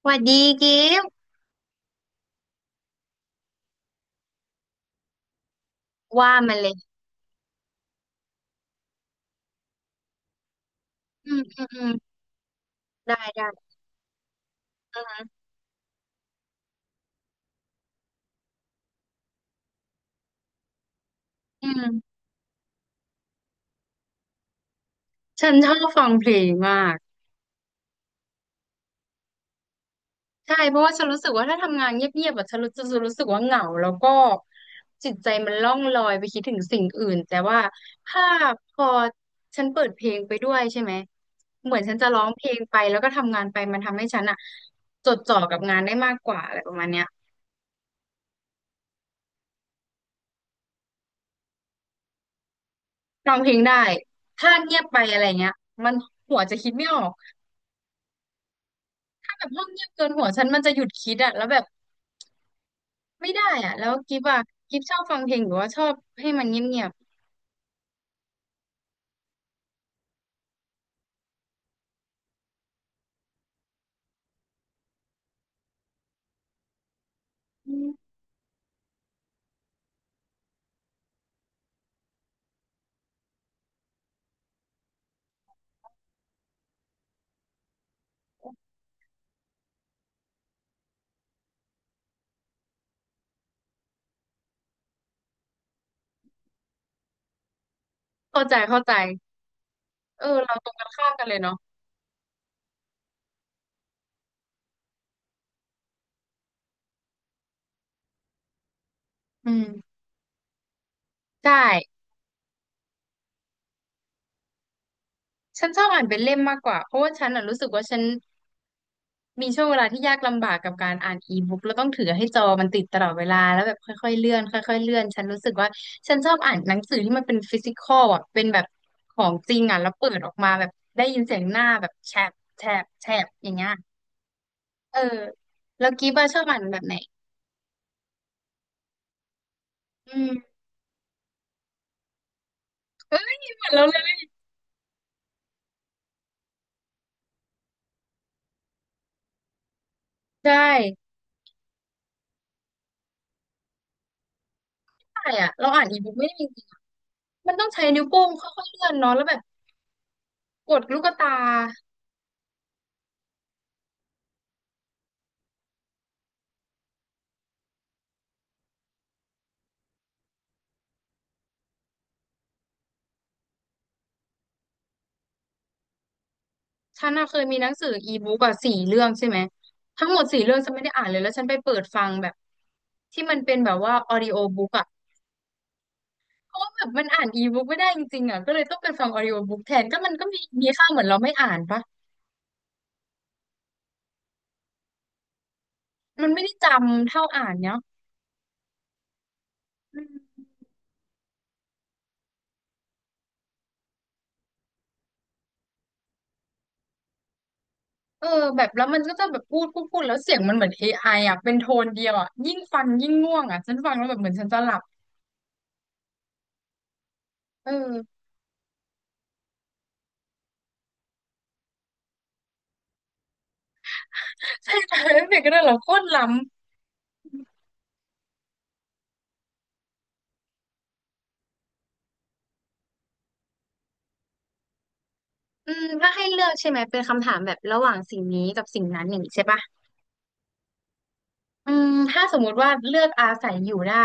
สวัสดีกิฟต์ว่ามาเลยอืมอืมอืมได้อืมอืมฉันชอบฟังเพลงมากใช่เพราะว่าฉันรู้สึกว่าถ้าทำงานเงียบๆแบบฉันรู้จะรู้สึกว่าเหงาแล้วก็จิตใจมันล่องลอยไปคิดถึงสิ่งอื่นแต่ว่าถ้าพอฉันเปิดเพลงไปด้วยใช่ไหมเหมือนฉันจะร้องเพลงไปแล้วก็ทำงานไปมันทำให้ฉันอะจดจ่อกับงานได้มากกว่าอะไรประมาณเนี้ยร้องเพลงได้ถ้าเงียบไปอะไรเงี้ยมันหัวจะคิดไม่ออก แบบห้องเงียบเกินหัวฉันมันจะหยุดคิดอะแล้วแบบไม่ได้อะแล้วกิฟอะกิฟชอบฟังเพลงหรือว่าชอบให้มันเงียบอืมเข้าใจเออเราตรงกันข้ามกันเลยเนาะอืมใช่ฉันชอบอ่านเป็นเล่มมากกว่าเพราะว่าฉันอะรู้สึกว่าฉันมีช่วงเวลาที่ยากลำบากกับการอ่านอีบุ๊กแล้วต้องถือให้จอมันติดตลอดเวลาแล้วแบบค่อยๆเลื่อนค่อยๆเลื่อนฉันรู้สึกว่าฉันชอบอ่านหนังสือที่มันเป็นฟิสิกอลอะเป็นแบบของจริงอะแล้วเปิดออกมาแบบได้ยินเสียงหน้าแบบแฉบอย่างเงี้ย เออแล้วกีบ้าชอบอ่านแบบไหนอืมเฮ้ยเหมือนเราเลยใช่ใช่อะเราอ่านอีบุ๊กไม่ได้จริงๆมันต้องใช้นิ้วโป้งค่อยๆเลื่อนเนาะแล้วแบบกดลูกตาฉันอะเคยมีหนังสืออีบุ๊กอะสี่เรื่องใช่ไหมทั้งหมดสี่เรื่องฉันไม่ได้อ่านเลยแล้วฉันไปเปิดฟังแบบที่มันเป็นแบบว่าออดิโอบุ๊กอะเพราะว่าแบบมันอ่านอีบุ๊กไม่ได้จริงๆอะก็เลยต้องไปฟังออดิโอบุ๊กแทนก็มันก็มีค่าเหมือนเราไม่อ่านปะมันไม่ได้จำเท่าอ่านเนาะ เออแบบแล้วมันก็จะแบบพูดแล้วเสียงมันเหมือน a ไออ่ะเป็นโทนเดียวอ่ะยิ่งฟังยิ่งง่วงอ่ะฉันฟังแล้วแบบเหมือนฉันจะหลับเออใช่ ใช่เด็กก็ได้เหรอโคตรล้ำอืมถ้าให้เลือกใช่ไหมเป็นคำถามแบบระหว่างสิ่งนี้กับสิ่งนั้นอย่างนี้ใช่ปะอืมถ้าสมมุติว่าเลือกอาศัยอยู่ได้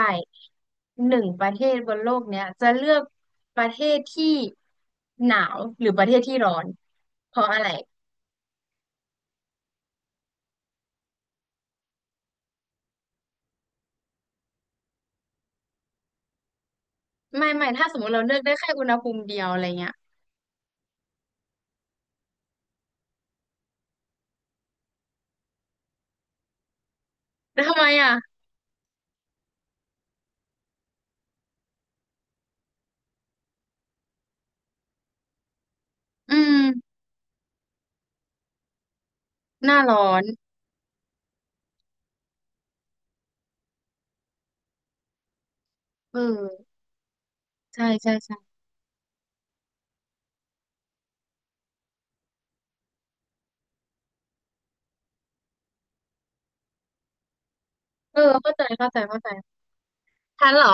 หนึ่งประเทศบนโลกเนี้ยจะเลือกประเทศที่หนาวหรือประเทศที่ร้อนเพราะอะไรไม่ถ้าสมมติเราเลือกได้แค่อุณหภูมิเดียวอะไรเงี้ยแล้วทำไมอ่ะอืมหน้าร้อน เออใช่เออเข้าใจทันเหรอ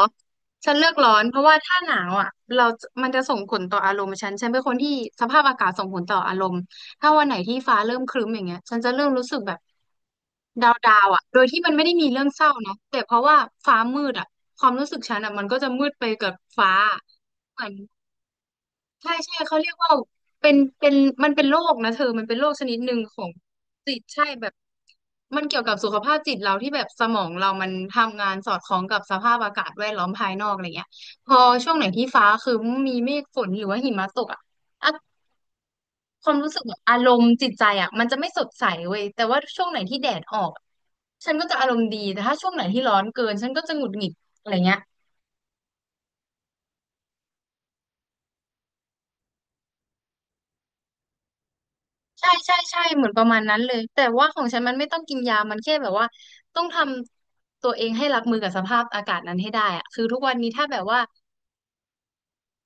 ฉันเลือกร้อนเพราะว่าถ้าหนาวอ่ะเรามันจะส่งผลต่ออารมณ์ฉันฉันเป็นคนที่สภาพอากาศส่งผลต่ออารมณ์ถ้าวันไหนที่ฟ้าเริ่มครึ้มอย่างเงี้ยฉันจะเริ่มรู้สึกแบบดาวอ่ะโดยที่มันไม่ได้มีเรื่องเศร้านะแต่เพราะว่าฟ้ามืดอ่ะความรู้สึกฉันอ่ะมันก็จะมืดไปกับฟ้าเหมือนใช่เขาเรียกว่าเป็นมันเป็นโรคนะเธอมันเป็นโรคชนิดหนึ่งของจิตใช่แบบ มันเกี่ยวกับสุขภาพจิตเราที่แบบสมองเรามันทำงานสอดคล้องกับสภาพอากาศแวดล้อมภายนอกอะไรเงี้ยพอช่วงไหนที่ฟ้าคือมีเมฆฝนหรือว่าหิมะตกอ่ะอะความรู้สึกแบบอารมณ์จิตใจอ่ะมันจะไม่สดใสเว้ยแต่ว่าช่วงไหนที่แดดออกฉันก็จะอารมณ์ดีแต่ถ้าช่วงไหนที่ร้อนเกินฉันก็จะหงุดหงิดอะไรเงี้ยใช่เหมือนประมาณนั้นเลยแต่ว่าของฉันมันไม่ต้องกินยามันแค่แบบว่าต้องทำตัวเองให้รับมือกับสภาพอากาศนั้นให้ได้อะคือทุกวันนี้ถ้าแบบว่า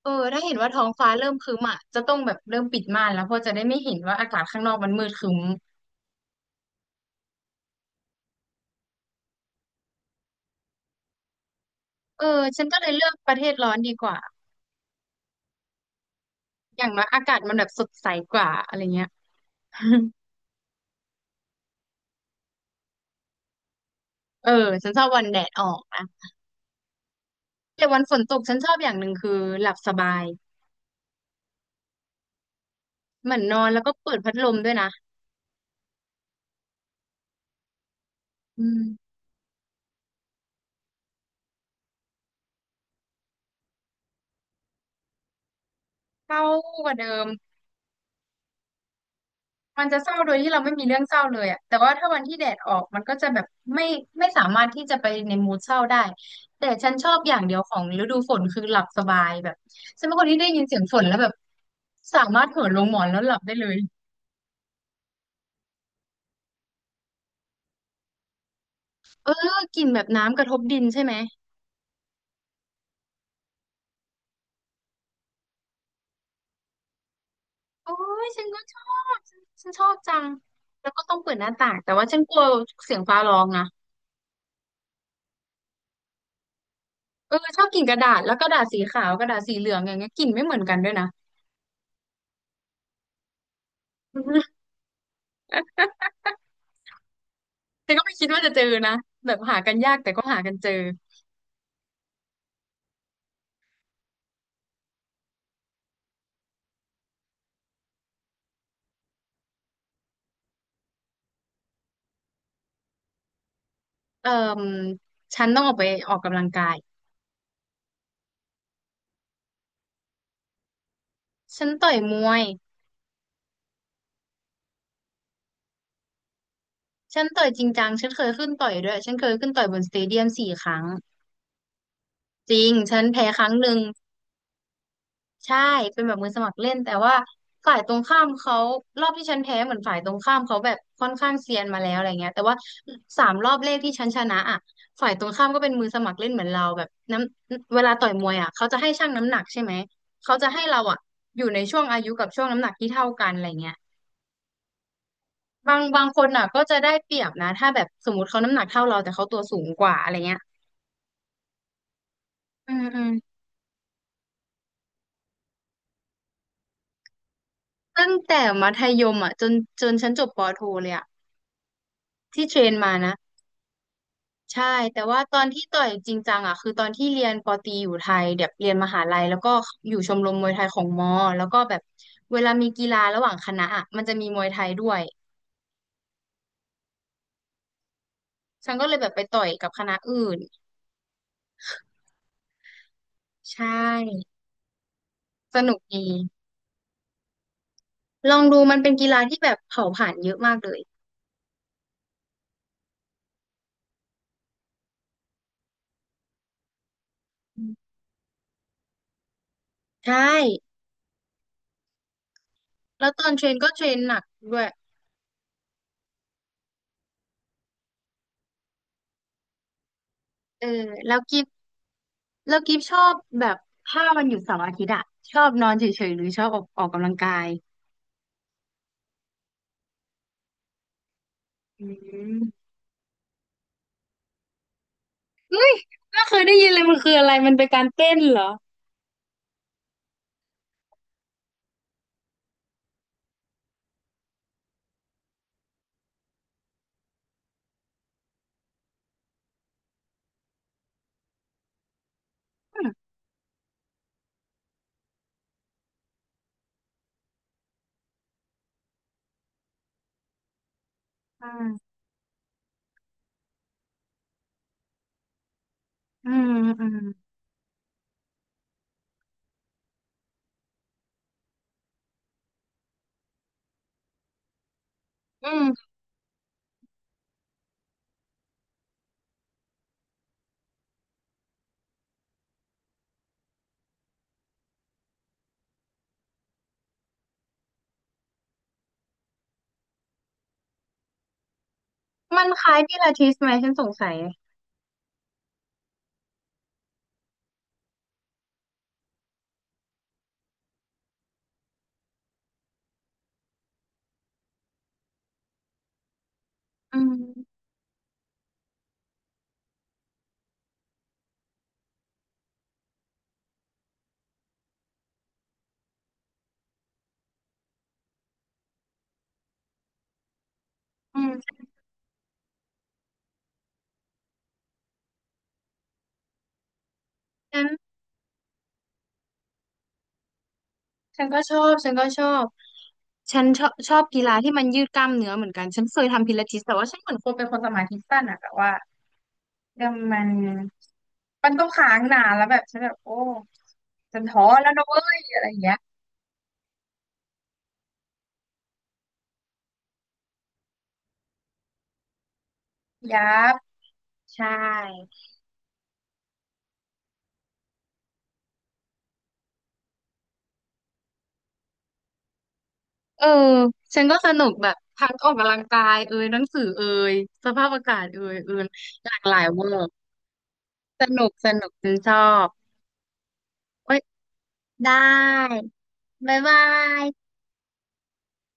เออถ้าเห็นว่าท้องฟ้าเริ่มครึ้มอ่ะจะต้องแบบเริ่มปิดม่านแล้วเพราะจะได้ไม่เห็นว่าอากาศข้างนอกมันมืดครึ้มเออฉันก็เลยเลือกประเทศร้อนดีกว่าอย่างน้อยอากาศมันแบบสดใสกว่าอะไรเงี้ย เออฉันชอบวันแดดออกนะแต่วันฝนตกฉันชอบอย่างหนึ่งคือหลับสบายเหมือนนอนแล้วก็เปิดพัดลมด้วยนะอืมเข้ากว่าเดิม มันจะเศร้าโดยที่เราไม่มีเรื่องเศร้าเลยอะแต่ว่าถ้าวันที่แดดออกมันก็จะแบบไม่ไม่สามารถที่จะไปในมูดเศร้าได้แต่ฉันชอบอย่างเดียวของฤดูฝนคือหลับสบายแบบฉันเป็นคนที่ได้ยินเสียงฝนแล้วแบบสามารถเหินลงหมอนแล้วหลับได้เลยเออกลิ่นแบบน้ำกระทบดินใช่ไหมโอ้ยฉันก็ชอบฉันชอบจังแล้วก็ต้องเปิดหน้าต่างแต่ว่าฉันกลัวเสียงฟ้าร้องนะเออชอบกลิ่นกระดาษแล้วกระดาษสีขาวกระดาษสีเหลืองอย่างเงี้ยกลิ่นไม่เหมือนกันด้วยนะ แต่ก็ไม่คิดว่าจะเจอนะแบบหากันยากแต่ก็หากันเจอเอ่อฉันต้องออกไปออกกำลังกาย ฉันต่อยมวยฉันต่อยจริงจังฉันเคยขึ้นต่อยด้วย ฉันเคยขึ้นต่อยบนสเตเดียมสี่ครั้ง จริง ฉันแพ้ครั้งหนึ่ง ใช่เป็นแบบมือสมัครเล่นแต่ว่าฝ่ายตรงข้ามเขารอบที่ฉันแพ้เหมือนฝ่ายตรงข้ามเขาแบบค่อนข้างเซียนมาแล้วอะไรเงี้ยแต่ว่าสามรอบแรกที่ฉันชนะอ่ะฝ่ายตรงข้ามก็เป็นมือสมัครเล่นเหมือนเราแบบน้ำเวลาต่อยมวยอ่ะเขาจะให้ชั่งน้ำหนักใช่ไหมเขาจะให้เราอ่ะอยู่ในช่วงอายุกับช่วงน้ำหนักที่เท่ากันอะไรเงี้ยบางคนอ่ะก็จะได้เปรียบนะถ้าแบบสมมติเขาน้ำหนักเท่าเราแต่เขาตัวสูงกว่าอะไรเงี้ยอืมอืมตั้งแต่มัธยมอ่ะจนฉันจบปอโทเลยอ่ะที่เทรนมานะ ใช่แต่ว่าตอนที่ต่อยจริงจังอ่ะคือตอนที่เรียนปอตรีอยู่ไทยแบบเรียนมหาลัยแล้วก็อยู่ชมรมมวยไทยของมอแล้วก็แบบเวลามีกีฬาระหว่างคณะอ่ะมันจะมีมวยไทยด้วยฉันก็เลยแบบไปต่อยกับคณะอื่นใช่สนุกดีลองดูมันเป็นกีฬาที่แบบเผาผลาญเยอะมากเลยใช่แล้วตอนเทรนก็เทรนหนักด้วยเออแล้วกิฟแล้วกิฟชอบแบบถ้าวันหยุดเสาร์อาทิตย์อะชอบนอนเฉยๆหรือชอบออกกำลังกายอืม ไม่เคยได้ยินเลยมันคืออะไรมันเป็นการเต้นเหรออืมอืมอืมอืมอืมมันคล้ายพิลาทิสไหมฉันสงสัยอืมอืมฉันฉันก็ชอบฉันก็ชอบฉันชอบชอบกีฬาที่มันยืดกล้ามเนื้อเหมือนกันฉันเคยทำพิลาทิสแต่ว่าฉันเหมือนคนเป็นคนสมาธิสั้นอะแต่ว่าเดี๋ยวมันต้องค้างนานแล้วแบบฉันแบบโอ้ฉันท้อแล้วนะเว้ยอะไรอย่างเงี้ยยับใช่ เออ ฉันก็สนุกแบบทั้งออกกำลังกายเอยหนังสือเอยสภาพอากาศเอยเอยหลากหลายเวอร์สนุกสนุกฉันชอบเอ้ยได้บ๊ายบาย